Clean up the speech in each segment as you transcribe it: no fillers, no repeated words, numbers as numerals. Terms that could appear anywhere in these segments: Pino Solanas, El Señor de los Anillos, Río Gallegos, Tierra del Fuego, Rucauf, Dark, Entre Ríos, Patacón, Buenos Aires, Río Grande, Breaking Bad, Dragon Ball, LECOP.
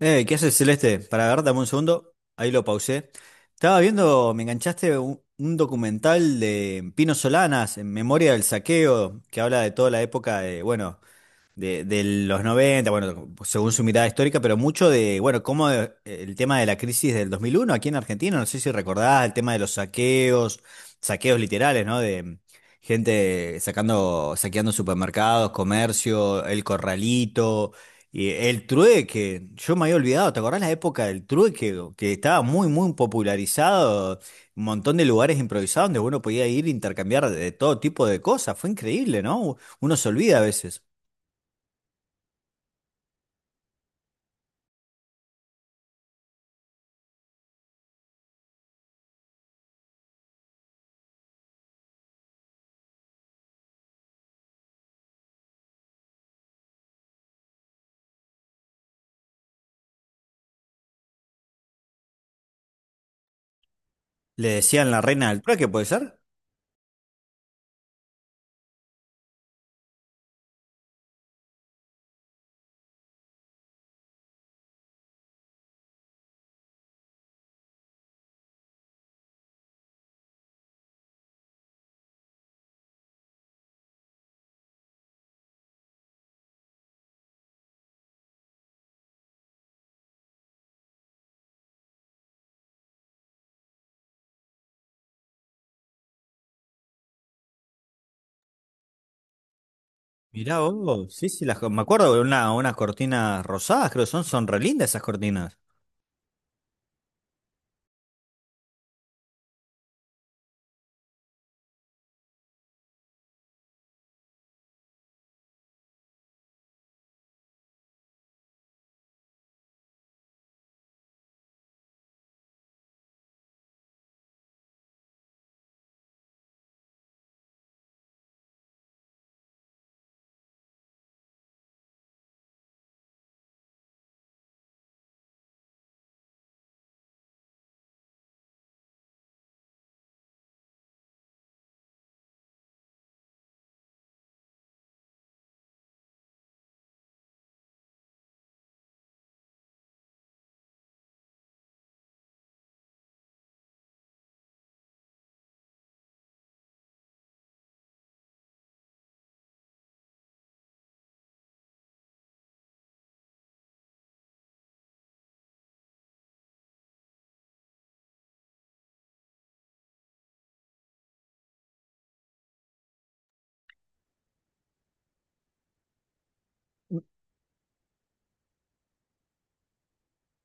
¿Qué haces, Celeste? Para agarrar, dame un segundo. Ahí lo pausé. Estaba viendo, me enganchaste un documental de Pino Solanas, En memoria del saqueo, que habla de toda la época de, bueno, de los noventa, bueno, según su mirada histórica, pero mucho de, bueno, cómo el tema de la crisis del 2001 aquí en Argentina, no sé si recordás el tema de los saqueos, saqueos literales, ¿no? De gente sacando, saqueando supermercados, comercio, el corralito, y el trueque. Yo me había olvidado, ¿te acordás la época del trueque? Que estaba muy, muy popularizado, un montón de lugares improvisados donde uno podía ir a intercambiar de todo tipo de cosas, fue increíble, ¿no? Uno se olvida a veces. Le decían la reina del trueque, ¿puede ser? Mirá vos, sí, sí, las, me acuerdo de una, unas cortinas rosadas, creo que son, son re lindas esas cortinas.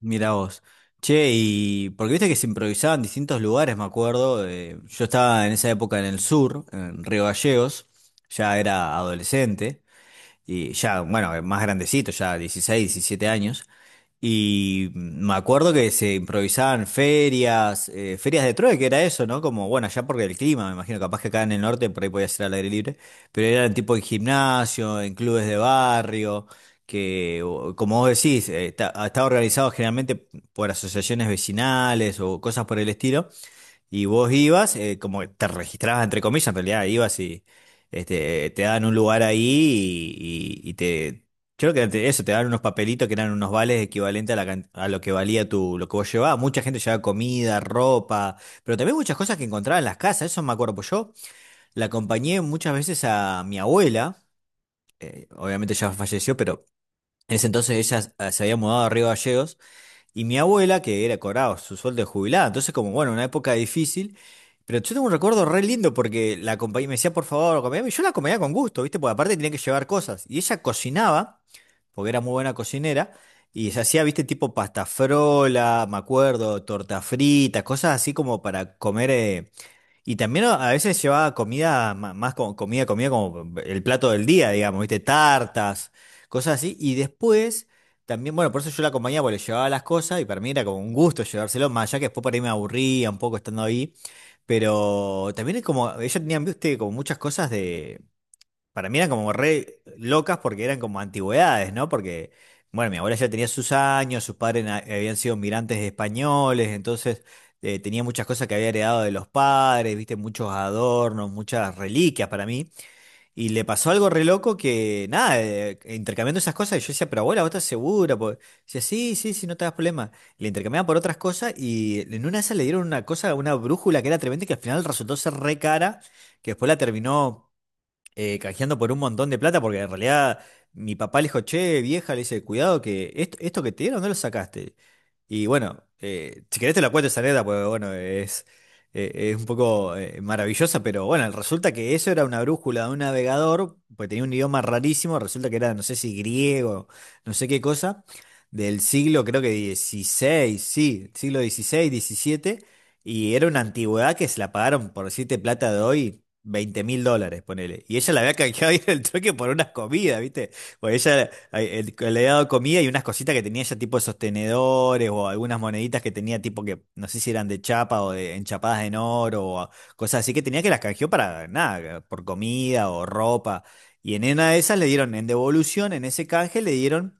Mirá vos. Che, y porque viste que se improvisaba en distintos lugares, me acuerdo. Yo estaba en esa época en el sur, en Río Gallegos, ya era adolescente, y ya, bueno, más grandecito, ya 16 17 años. Y me acuerdo que se improvisaban ferias, ferias de trueque, era eso, ¿no? Como, bueno, allá porque el clima, me imagino, capaz que acá en el norte por ahí podía ser al aire libre, pero eran tipo en gimnasio, en clubes de barrio, que, como vos decís, estaba organizado generalmente por asociaciones vecinales o cosas por el estilo, y vos ibas, como que te registrabas entre comillas, en realidad ibas y este, te daban un lugar ahí y, y- y te... Creo que eso, te daban unos papelitos que eran unos vales equivalentes a, a lo que valía tu, lo que vos llevabas. Mucha gente llevaba comida, ropa, pero también muchas cosas que encontraba en las casas. Eso me acuerdo, pues yo la acompañé muchas veces a mi abuela, obviamente ya falleció, pero en ese entonces ella se había mudado a Río Gallegos. Y mi abuela, que era cobraba su sueldo de jubilada, entonces como, bueno, una época difícil, pero yo tengo un recuerdo re lindo porque la compañía me decía, por favor, acompáñame, y yo la acompañaba con gusto, ¿viste? Porque aparte tenía que llevar cosas, y ella cocinaba, porque era muy buena cocinera, y se hacía, ¿viste? Tipo pasta frola, me acuerdo, torta frita, cosas así como para comer, y también a veces llevaba comida, más como comida, comida como el plato del día, digamos, ¿viste? Tartas, cosas así. Y después, también, bueno, por eso yo la acompañaba, porque le llevaba las cosas y para mí era como un gusto llevárselo, más allá que después por ahí me aburría un poco estando ahí. Pero también es como, ellos tenían, viste, como muchas cosas para mí eran como re locas porque eran como antigüedades, ¿no? Porque, bueno, mi abuela ya tenía sus años, sus padres habían sido migrantes españoles, entonces tenía muchas cosas que había heredado de los padres, viste, muchos adornos, muchas reliquias para mí. Y le pasó algo re loco que, nada, intercambiando esas cosas, y yo decía, pero abuela, ¿vos estás segura? Porque, decía, sí, sí, sí, no te das problema. Le intercambiaban por otras cosas y en una de esas le dieron una cosa, una brújula que era tremenda y que al final resultó ser re cara, que después la terminó canjeando por un montón de plata, porque en realidad mi papá le dijo, che, vieja, le dice, cuidado que esto que te dieron no lo sacaste. Y bueno, si querés te la cuento esa anécdota, porque bueno, es un poco maravillosa, pero bueno, resulta que eso era una brújula de un navegador, pues tenía un idioma rarísimo, resulta que era, no sé si griego, no sé qué cosa, del siglo, creo que 16, sí, siglo 16 17, y era una antigüedad que se la pagaron, por decirte plata de hoy, 20.000 dólares, ponele. Y ella la había canjeado ahí en el trueque por unas comidas, ¿viste? Porque ella le había dado comida y unas cositas que tenía ella, tipo de sostenedores o algunas moneditas que tenía, tipo que no sé si eran de chapa o de enchapadas en oro o cosas así que tenía, que las canjeó para nada, por comida o ropa. Y en una de esas le dieron, en devolución, en ese canje, le dieron.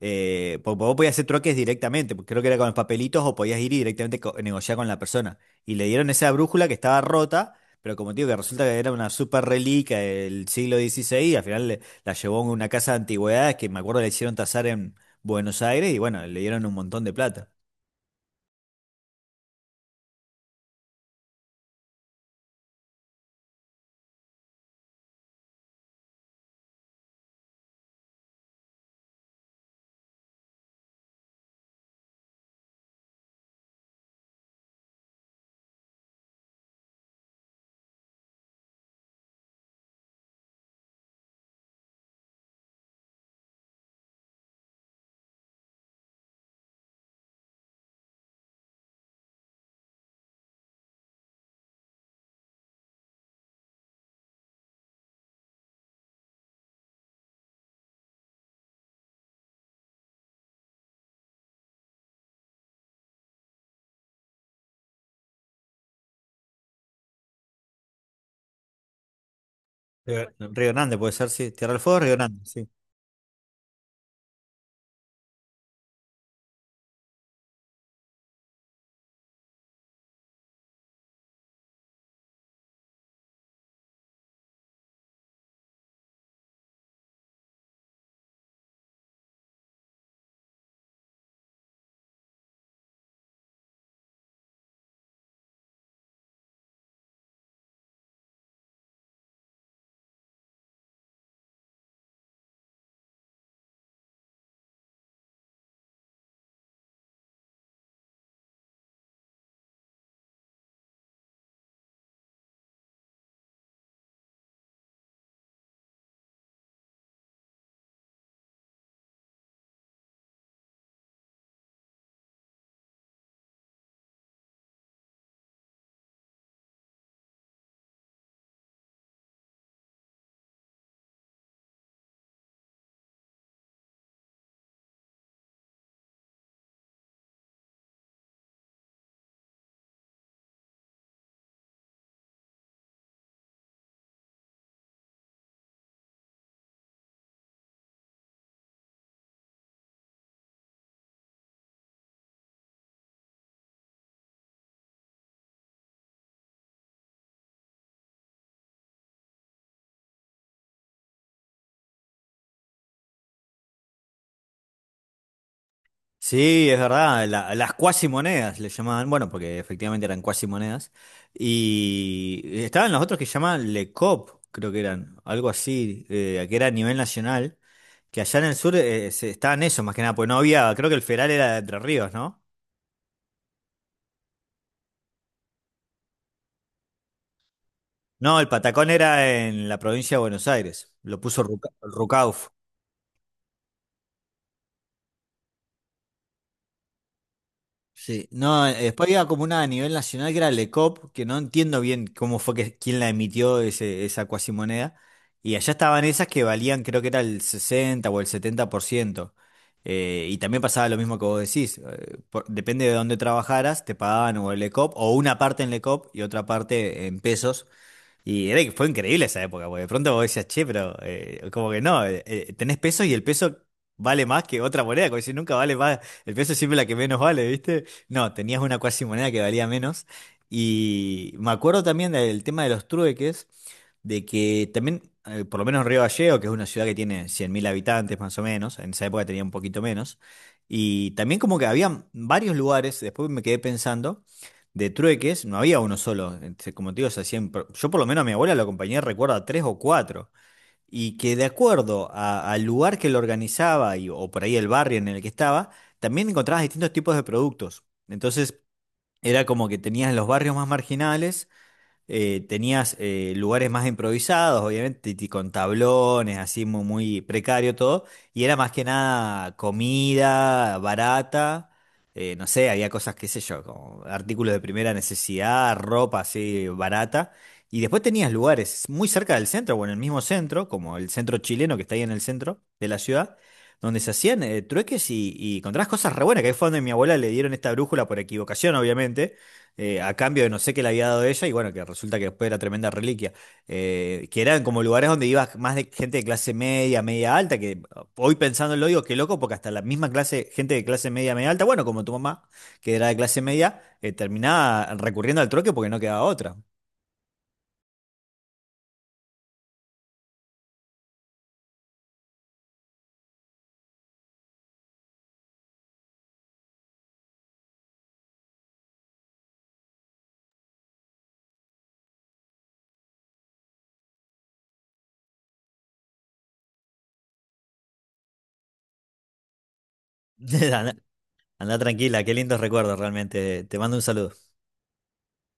Vos podías hacer troques directamente, porque creo que era con los papelitos o podías ir y directamente negociar con la persona. Y le dieron esa brújula que estaba rota, pero como te digo, que resulta que era una super reliquia del siglo 16 y al final la llevó a una casa de antigüedades que me acuerdo le hicieron tasar en Buenos Aires y bueno, le dieron un montón de plata. Río Grande puede ser, sí, Tierra del Fuego, Río Grande, sí. Sí, es verdad, las cuasimonedas le llamaban, bueno, porque efectivamente eran cuasimonedas, y estaban los otros que llamaban Le Cop, creo que eran, algo así, que era a nivel nacional, que allá en el sur estaban esos más que nada, pues no había, creo que el federal era de Entre Ríos, ¿no? No, el Patacón era en la provincia de Buenos Aires, lo puso Rucauf. Sí, no, después había como una a nivel nacional que era LECOP, que no entiendo bien cómo fue que quién la emitió ese, esa cuasimoneda. Y allá estaban esas que valían, creo que era el 60 o el 70%. Y también pasaba lo mismo que vos decís. Depende de dónde trabajaras, te pagaban o el LECOP, o una parte en LECOP y otra parte en pesos. Y era, fue increíble esa época, porque de pronto vos decías, che, pero como que no, tenés pesos y el peso vale más que otra moneda, como si nunca vale más, el peso es siempre la que menos vale, ¿viste? No, tenías una cuasi moneda que valía menos. Y me acuerdo también del tema de los trueques, de que también, por lo menos Río Gallegos, que es una ciudad que tiene 100.000 habitantes más o menos, en esa época tenía un poquito menos, y también como que había varios lugares, después me quedé pensando de trueques, no había uno solo. Este, como te digo, se hacían. Yo, por lo menos, a mi abuela la acompañé, recuerdo, a tres o cuatro. Y que de acuerdo al lugar que lo organizaba y, o por ahí el barrio en el que estaba, también encontrabas distintos tipos de productos. Entonces, era como que tenías los barrios más marginales tenías lugares más improvisados, obviamente, y con tablones, así muy, muy precario todo, y era más que nada comida barata, no sé, había cosas, qué sé yo, como artículos de primera necesidad, ropa así barata, y después tenías lugares muy cerca del centro, o en el mismo centro, como el centro chileno que está ahí en el centro de la ciudad, donde se hacían trueques y encontrabas cosas re buenas, que ahí fue donde mi abuela le dieron esta brújula por equivocación, obviamente a cambio de no sé qué le había dado ella, y bueno, que resulta que después era tremenda reliquia, que eran como lugares donde iba más de gente de clase media, media alta, que hoy pensándolo digo, qué loco, porque hasta la misma clase, gente de clase media, media alta, bueno, como tu mamá, que era de clase media, terminaba recurriendo al troque porque no quedaba otra. Andá, andá tranquila, qué lindos recuerdos realmente, te mando un saludo.